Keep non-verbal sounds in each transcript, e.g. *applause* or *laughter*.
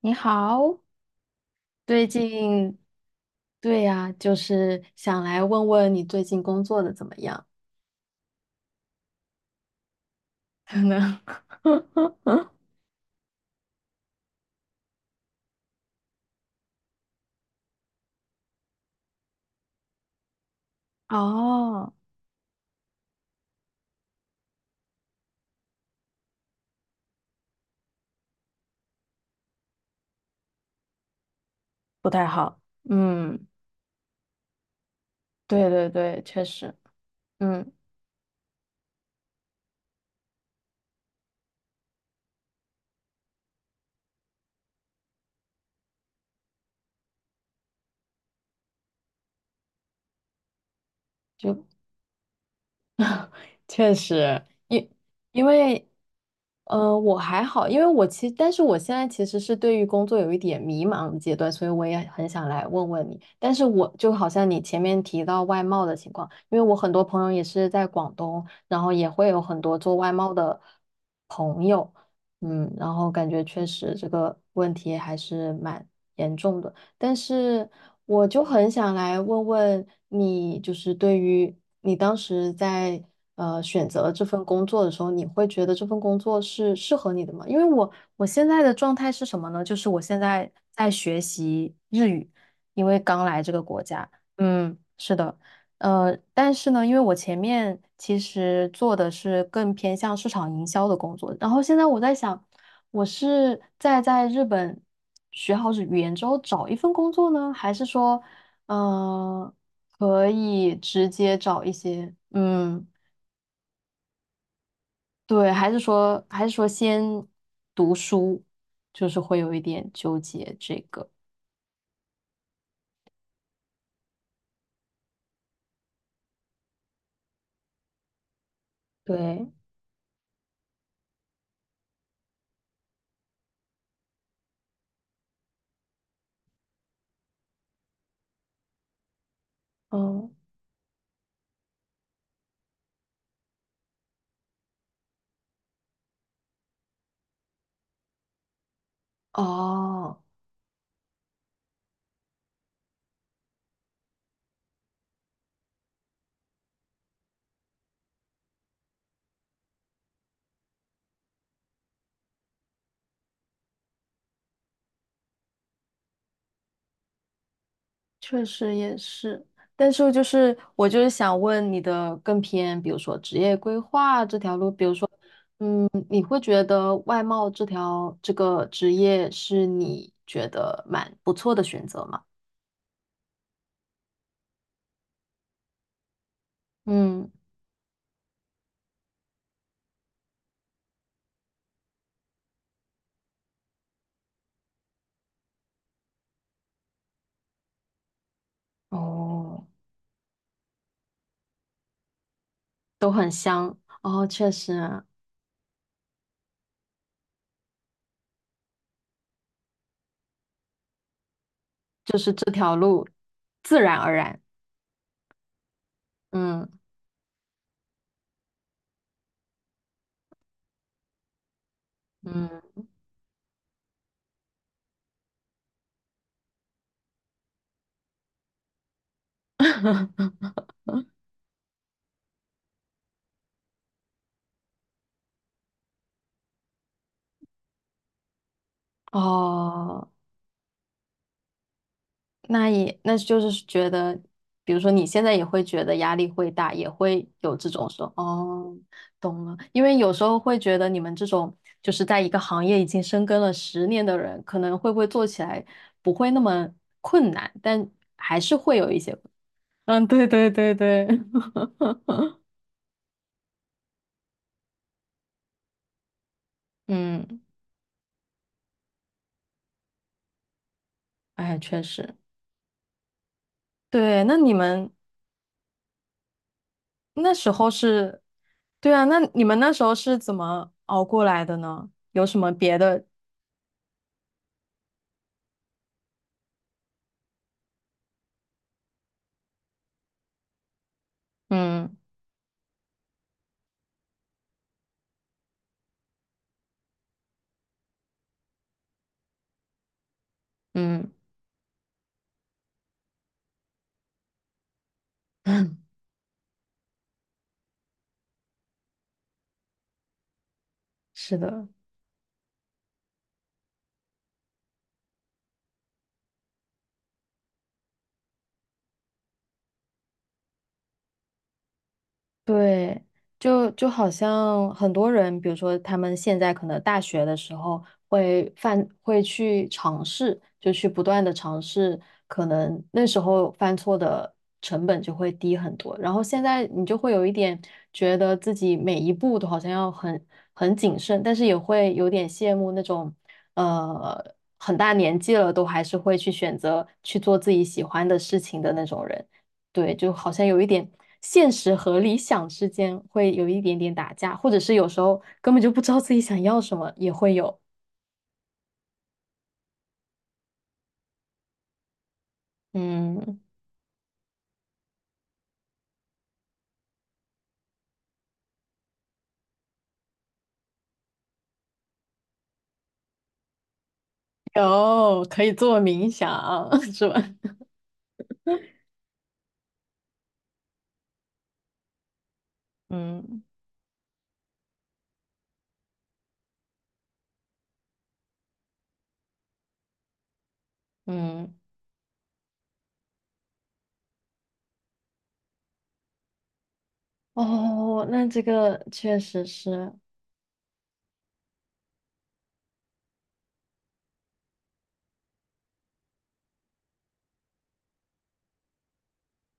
你好，最近，对呀，就是想来问问你最近工作的怎么样？可能。 *laughs* 哦，不太好。嗯，对对对，确实，嗯，就确实，因为，我还好，因为但是我现在其实是对于工作有一点迷茫的阶段，所以我也很想来问问你。但是我就好像你前面提到外贸的情况，因为我很多朋友也是在广东，然后也会有很多做外贸的朋友，嗯，然后感觉确实这个问题还是蛮严重的。但是我就很想来问问你，就是对于你当时在选择这份工作的时候，你会觉得这份工作是适合你的吗？因为我现在的状态是什么呢？就是我现在在学习日语，因为刚来这个国家。嗯，是的。但是呢，因为我前面其实做的是更偏向市场营销的工作，然后现在我在想，我是在日本学好语言之后找一份工作呢，还是说，嗯、可以直接找一些，嗯，对，还是说先读书，就是会有一点纠结这个。对，嗯，哦，确实也是，但是就是我就是想问你的更偏，比如说职业规划这条路，比如说。你会觉得外贸这条这个职业是你觉得蛮不错的选择吗？嗯，哦，都很香哦，确实啊，自然而然，嗯嗯，哦。那也那就是觉得，比如说你现在也会觉得压力会大，也会有这种说哦，懂了，因为有时候会觉得你们这种就是在一个行业已经深耕了10年的人，可能会不会做起来不会那么困难，但还是会有一些，嗯，对对对对。*laughs* 嗯，哎，确实，对，那你们那时候是，对啊，那你们那时候是怎么熬过来的呢？有什么别的？嗯嗯，是的。对，就就好像很多人，比如说他们现在可能大学的时候会犯，会去尝试，就去不断的尝试，可能那时候犯错的成本就会低很多。然后现在你就会有一点觉得自己每一步都好像要很谨慎，但是也会有点羡慕那种，呃，很大年纪了都还是会去选择去做自己喜欢的事情的那种人。对，就好像有一点现实和理想之间会有一点点打架，或者是有时候根本就不知道自己想要什么，也会有。嗯，有，可以做冥想，*laughs* 是吧？嗯，嗯，哦，那这个确实是，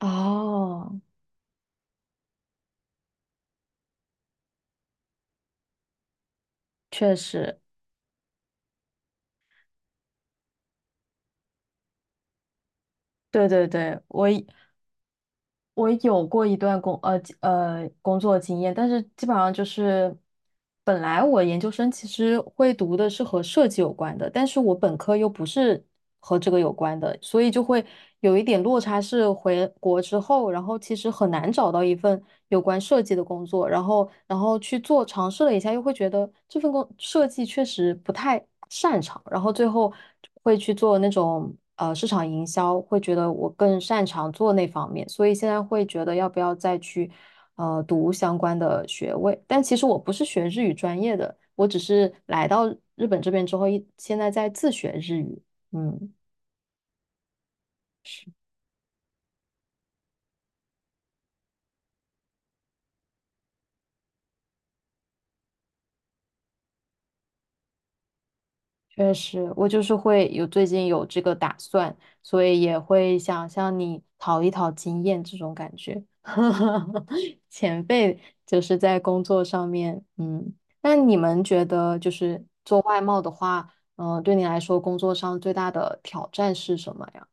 哦，确实，对对对，我有过一段工作经验，但是基本上就是本来我研究生其实会读的是和设计有关的，但是我本科又不是和这个有关的，所以就会有一点落差。是回国之后，然后其实很难找到一份有关设计的工作，然后去做尝试了一下，又会觉得这份设计确实不太。擅长，然后最后会去做那种市场营销，会觉得我更擅长做那方面，所以现在会觉得要不要再去读相关的学位。但其实我不是学日语专业的，我只是来到日本这边之后现在在自学日语，嗯。确实，我就是会有最近有这个打算，所以也会想向你讨一讨经验这种感觉。*laughs* 前辈就是在工作上面，嗯，那你们觉得就是做外贸的话，嗯、对你来说工作上最大的挑战是什么呀？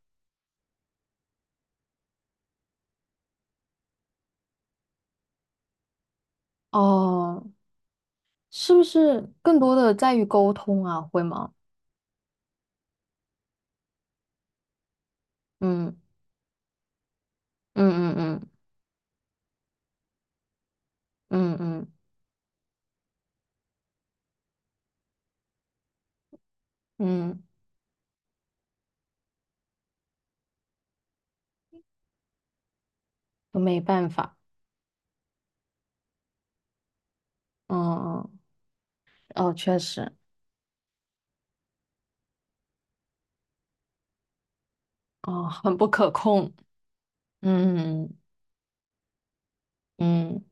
哦，是不是更多的在于沟通啊？会吗？嗯嗯嗯嗯嗯嗯嗯，都没办法，嗯嗯哦，确实。哦，很不可控，嗯嗯，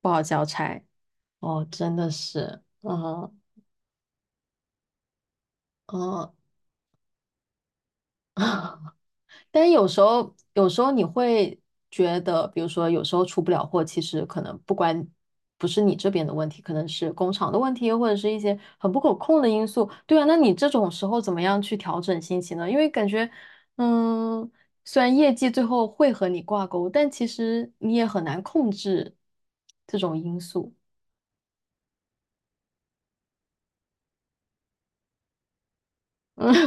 不好交差。哦，真的是，嗯嗯。*laughs* 但是有时候，有时候你会觉得，比如说有时候出不了货，其实可能不管不是你这边的问题，可能是工厂的问题，或者是一些很不可控的因素。对啊，那你这种时候怎么样去调整心情呢？因为感觉，嗯，虽然业绩最后会和你挂钩，但其实你也很难控制这种因素。*laughs* 嗯。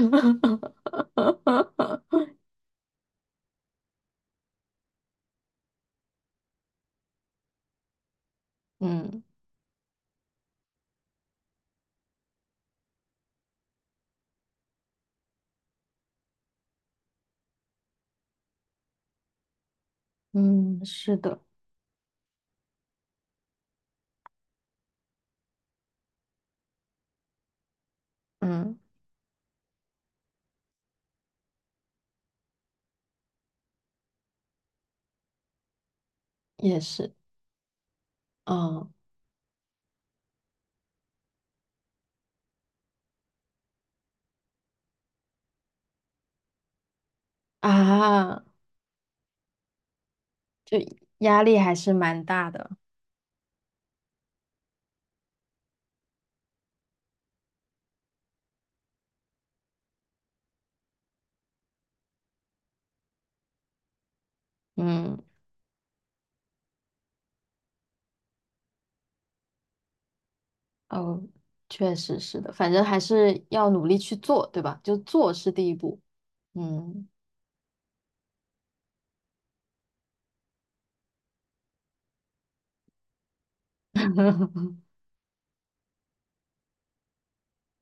嗯嗯，是的，嗯，也是，嗯啊，压力还是蛮大的，嗯哦，确实是的，反正还是要努力去做，对吧？就做是第一步，嗯。 *laughs*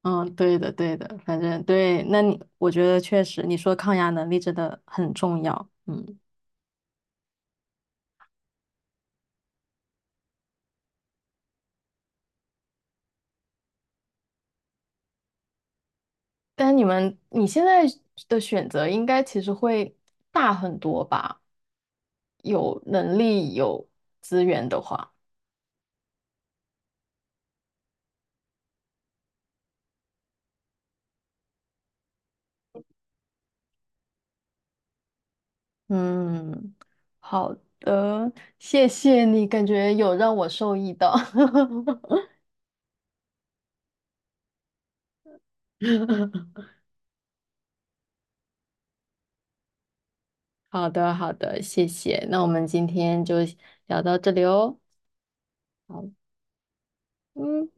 嗯，对的对的，反正对，那你我觉得确实，你说抗压能力真的很重要，嗯但你现在的选择应该其实会大很多吧？有能力有资源的话。嗯，好的，谢谢你，感觉有让我受益到。*laughs* 好的，好的，谢谢。那我们今天就聊到这里哦。好，嗯。